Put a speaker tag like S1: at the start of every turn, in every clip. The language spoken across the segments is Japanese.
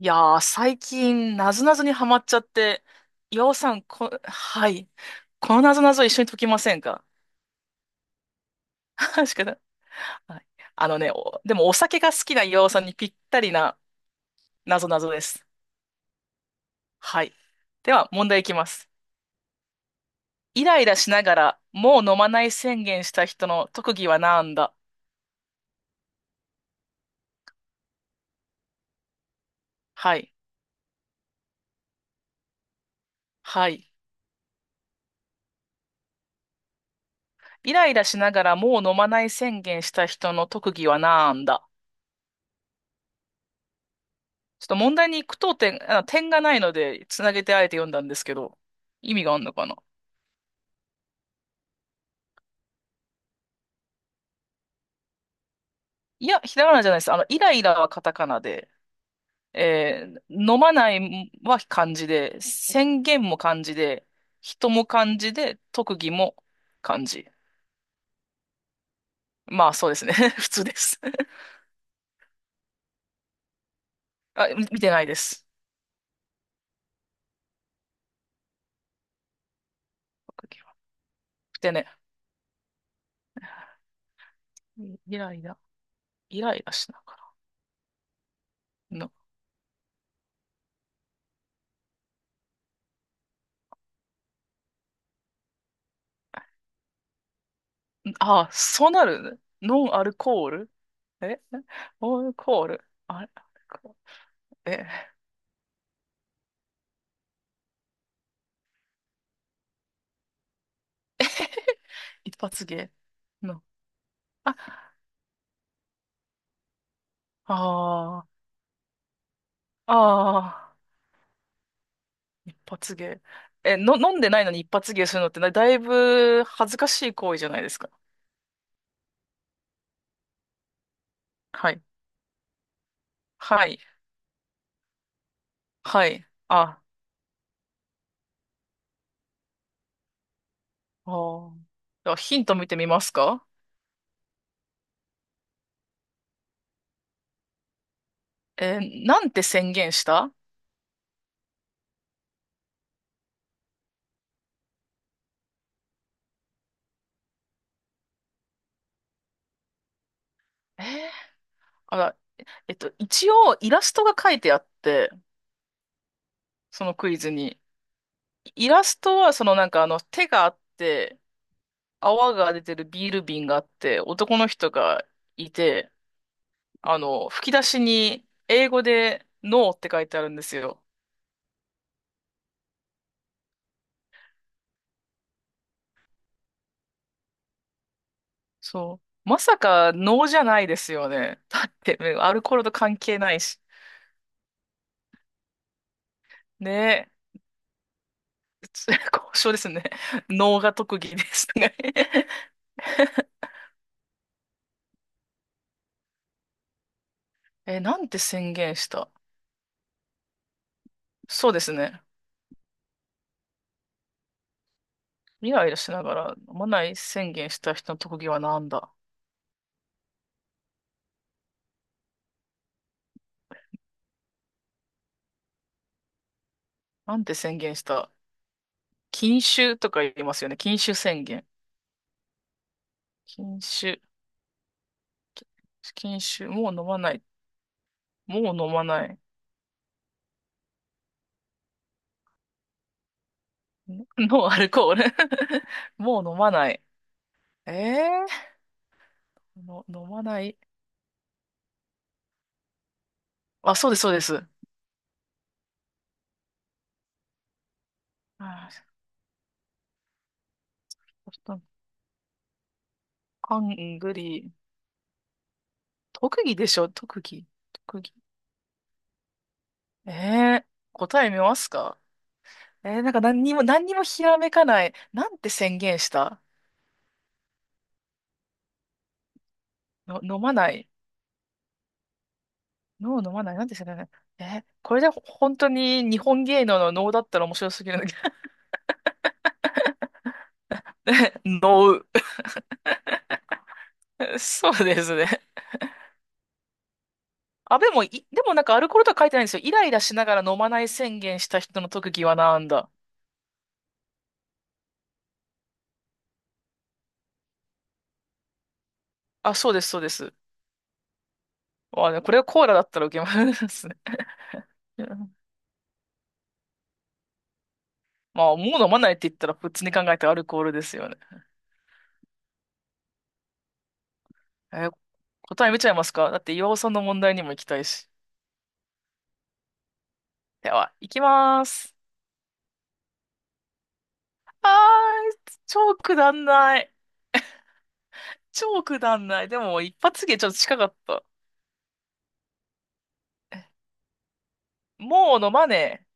S1: いやー、最近、なぞなぞにハマっちゃって、岩尾さん、はい。このなぞなぞ一緒に解きませんか？ 確かに はい。でもお酒が好きな岩尾さんにぴったりななぞなぞです。はい。では、問題いきます。イライラしながら、もう飲まない宣言した人の特技はなんだ？はい。はい。イライラしながら、もう飲まない宣言した人の特技はなんだ？ちょっと問題に句読点、あ、点がないので、つなげてあえて読んだんですけど、意味があるのかな？いや、ひらがなじゃないです。あの、イライラはカタカナで、飲まないは漢字で、宣言も漢字で、人も漢字で、特技も漢字。まあ、そうですね。普通です。あ、見てないです。特技は。でね、イライラ、イライラしながら。の、あ、そうなるノンアルコール？えアルコールあれアルコール？え一発芸の。あ、ああ、ああ、一発芸。え、飲んでないのに一発芸するのってなだいぶ恥ずかしい行為じゃないですか。はい。はい。はい。あ、あー、ではヒント見てみますか？えーなんて宣言した？えーあら、えっと、一応イラストが書いてあって、そのクイズに。イラストはそのなんかあの手があって、泡が出てるビール瓶があって、男の人がいて、あの、吹き出しに英語でノーって書いてあるんですよ。そう。まさかノーじゃないですよね。だって、ねアルコールと関係ないし。ねえ、交渉ですね。ノーが特技ですね。え、なんて宣言した？そうですね。イライラしながら飲まない宣言した人の特技はなんだ？なんて宣言した？禁酒とか言いますよね。禁酒宣言。禁酒。禁酒。もう飲まない。もう飲まない。ノノンアルコール。 もう飲まない。ええ、の、飲まない。あ、そうです、そうです。あー、ちょっとハングリー。特技でしょ、特技。特技。ええ、答え見ますか？ええなんか何にもひらめかない。なんて宣言した？の、飲まない。ノー飲まない。なんて宣言した？えーこれで本当に日本芸能の能だったら面白すぎるんだけど。ノー。そうですね。あ、でも、でもなんかアルコールとは書いてないんですよ。イライラしながら飲まない宣言した人の特技はなんだ。あ、そうです、そうです。まあね、これはコーラだったら受けますね。いや、まあ、もう飲まないって言ったら普通に考えてアルコールですよね。えー答え見ちゃいますか？だって岩尾さんの問題にも行きたいし。では、行きます。あー、超くだんない。超くだんない。でも、一発芸ちょっと近かった。もう飲まねえ。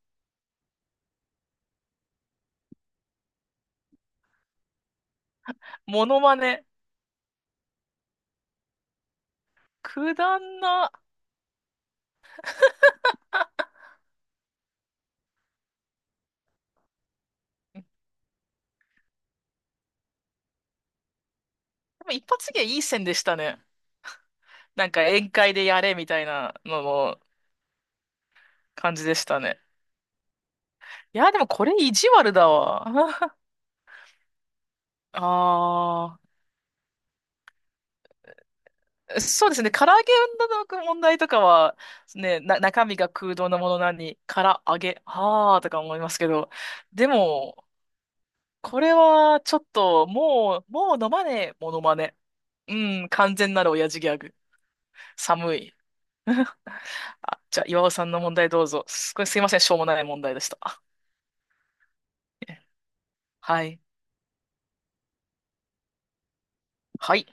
S1: モノマネ。くだんな。でも一発芸いい線でしたね。なんか宴会でやれみたいなのの感じでしたね。いや、でもこれ意地悪だわ。ああ、そうですね。唐揚げの問題とかは、中身が空洞なものなのに、唐揚げ、ああ、とか思いますけど、でも、これはちょっと、もう飲まねえ、モノマネ。うん、完全なる親父ギャグ。寒い。あ、じゃあ、岩尾さんの問題どうぞ。これすいません、しょうもない問題でした。はい。はい。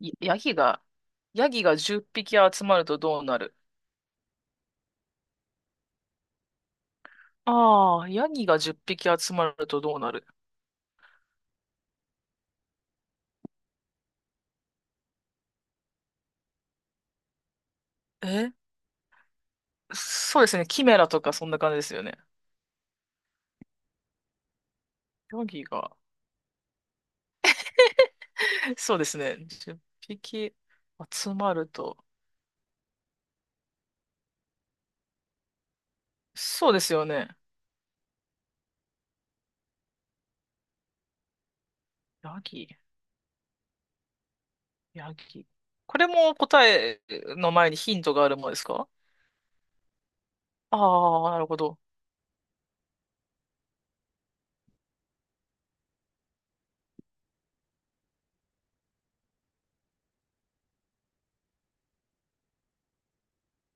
S1: ヤギが、ヤギが10匹集まるとどうなる？ああー、ヤギが10匹集まるとどうなる？え、そうですね。キメラとかそんな感じですよね。ヤギが。そうですね。10匹集まると。そうですよね。ヤギ、ヤギ。これも答えの前にヒントがあるものですか？ああー、なるほど。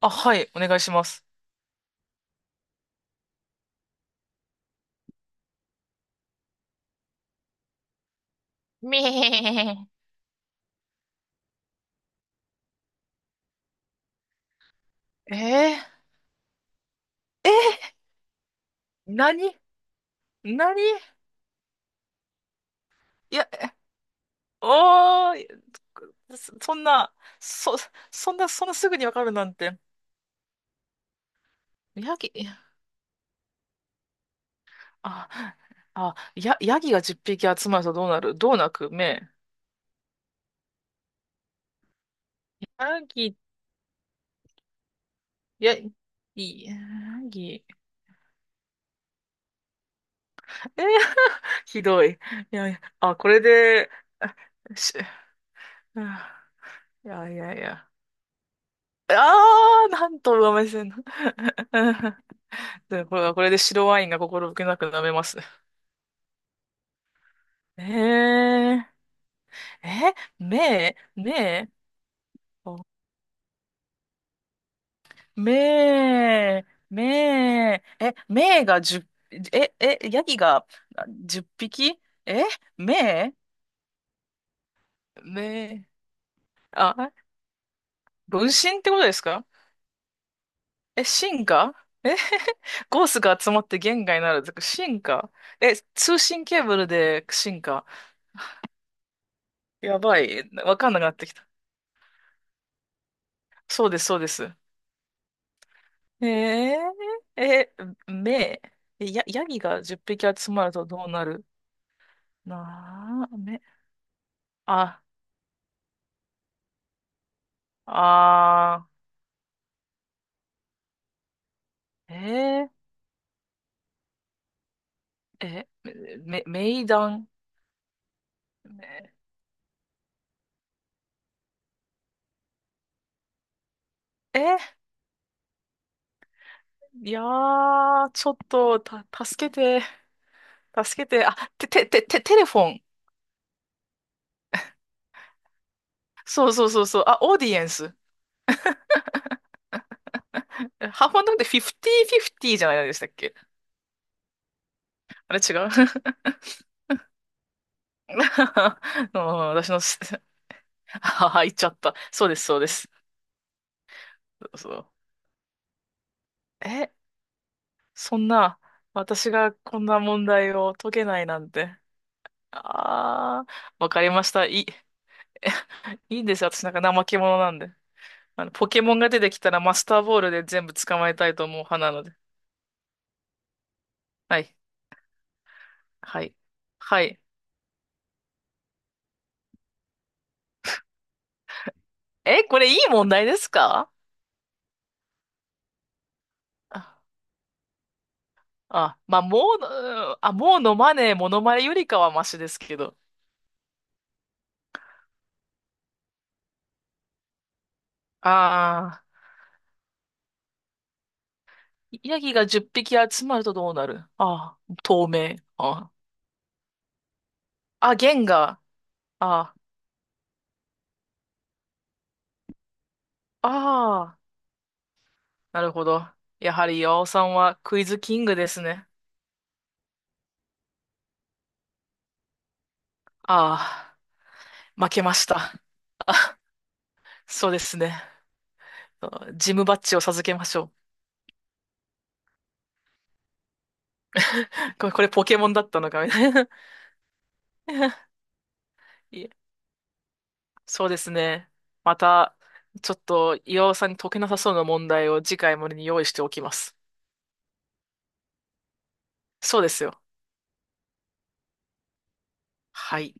S1: あ、はい、お願いします。めえー、えー、何何？いや、おー、そんな、そ、そんな、そんなすぐにわかるなんて。ヤギ、いやあ、ヤギが10匹集まるとどうなる？どうなく目。ヤギ、ヤギ、ヤギ、えー、ひどい。いやいや、あ、これで、あし、あ、いやいやいや。ああ、なんと上目線の。で、これはこれで白ワインが心置けなく舐めます。えー、え、目、目、めー、めー、え、めーが10、え、え、ヤギがあ10匹、え、めー、めー、あ、分身ってことですか？え、進化？え、ゴースが集まって言外なるってこと、進化？え、通信ケーブルで進化？やばい、わかんなくなってきた。そうです、そうです。えー、え、めー、や、ヤギが10匹集まるとどうなる？なあ、め、あ、あー。えー、え、め、名談。めえ、いやー、ちょっと、助けて、助けて、あ、て、て、て、て、テレフォン。そうそうそうそう、あ、オーディエンス。えハーファンダムって50-50じゃないでしたっけ？あれ違う？ うん、私のす、あは、言っちゃった。そうです、そうです。そう。え、そんな、私がこんな問題を解けないなんて。あー、わかりました。いい、いいんですよ。私なんか怠け者なんで。あの、ポケモンが出てきたらマスターボールで全部捕まえたいと思う派なので。はい。はい。はい。え、これいい問題ですか？あ、あ、まあ、もうのマネー、モノマネよりかはマシですけど。ああ、ヤギが10匹集まるとどうなる？ああ、透明。ああ、あゲンガー。ああ、ああ、なるほど。やはり岩尾さんはクイズキングですね。ああ、負けました。そうですね。ジムバッジを授けましょう。これ、これポケモンだったのかみたいな。いえ、そうですね。また、ちょっと岩尾さんに解けなさそうな問題を次回までに用意しておきます。そうですよ。はい。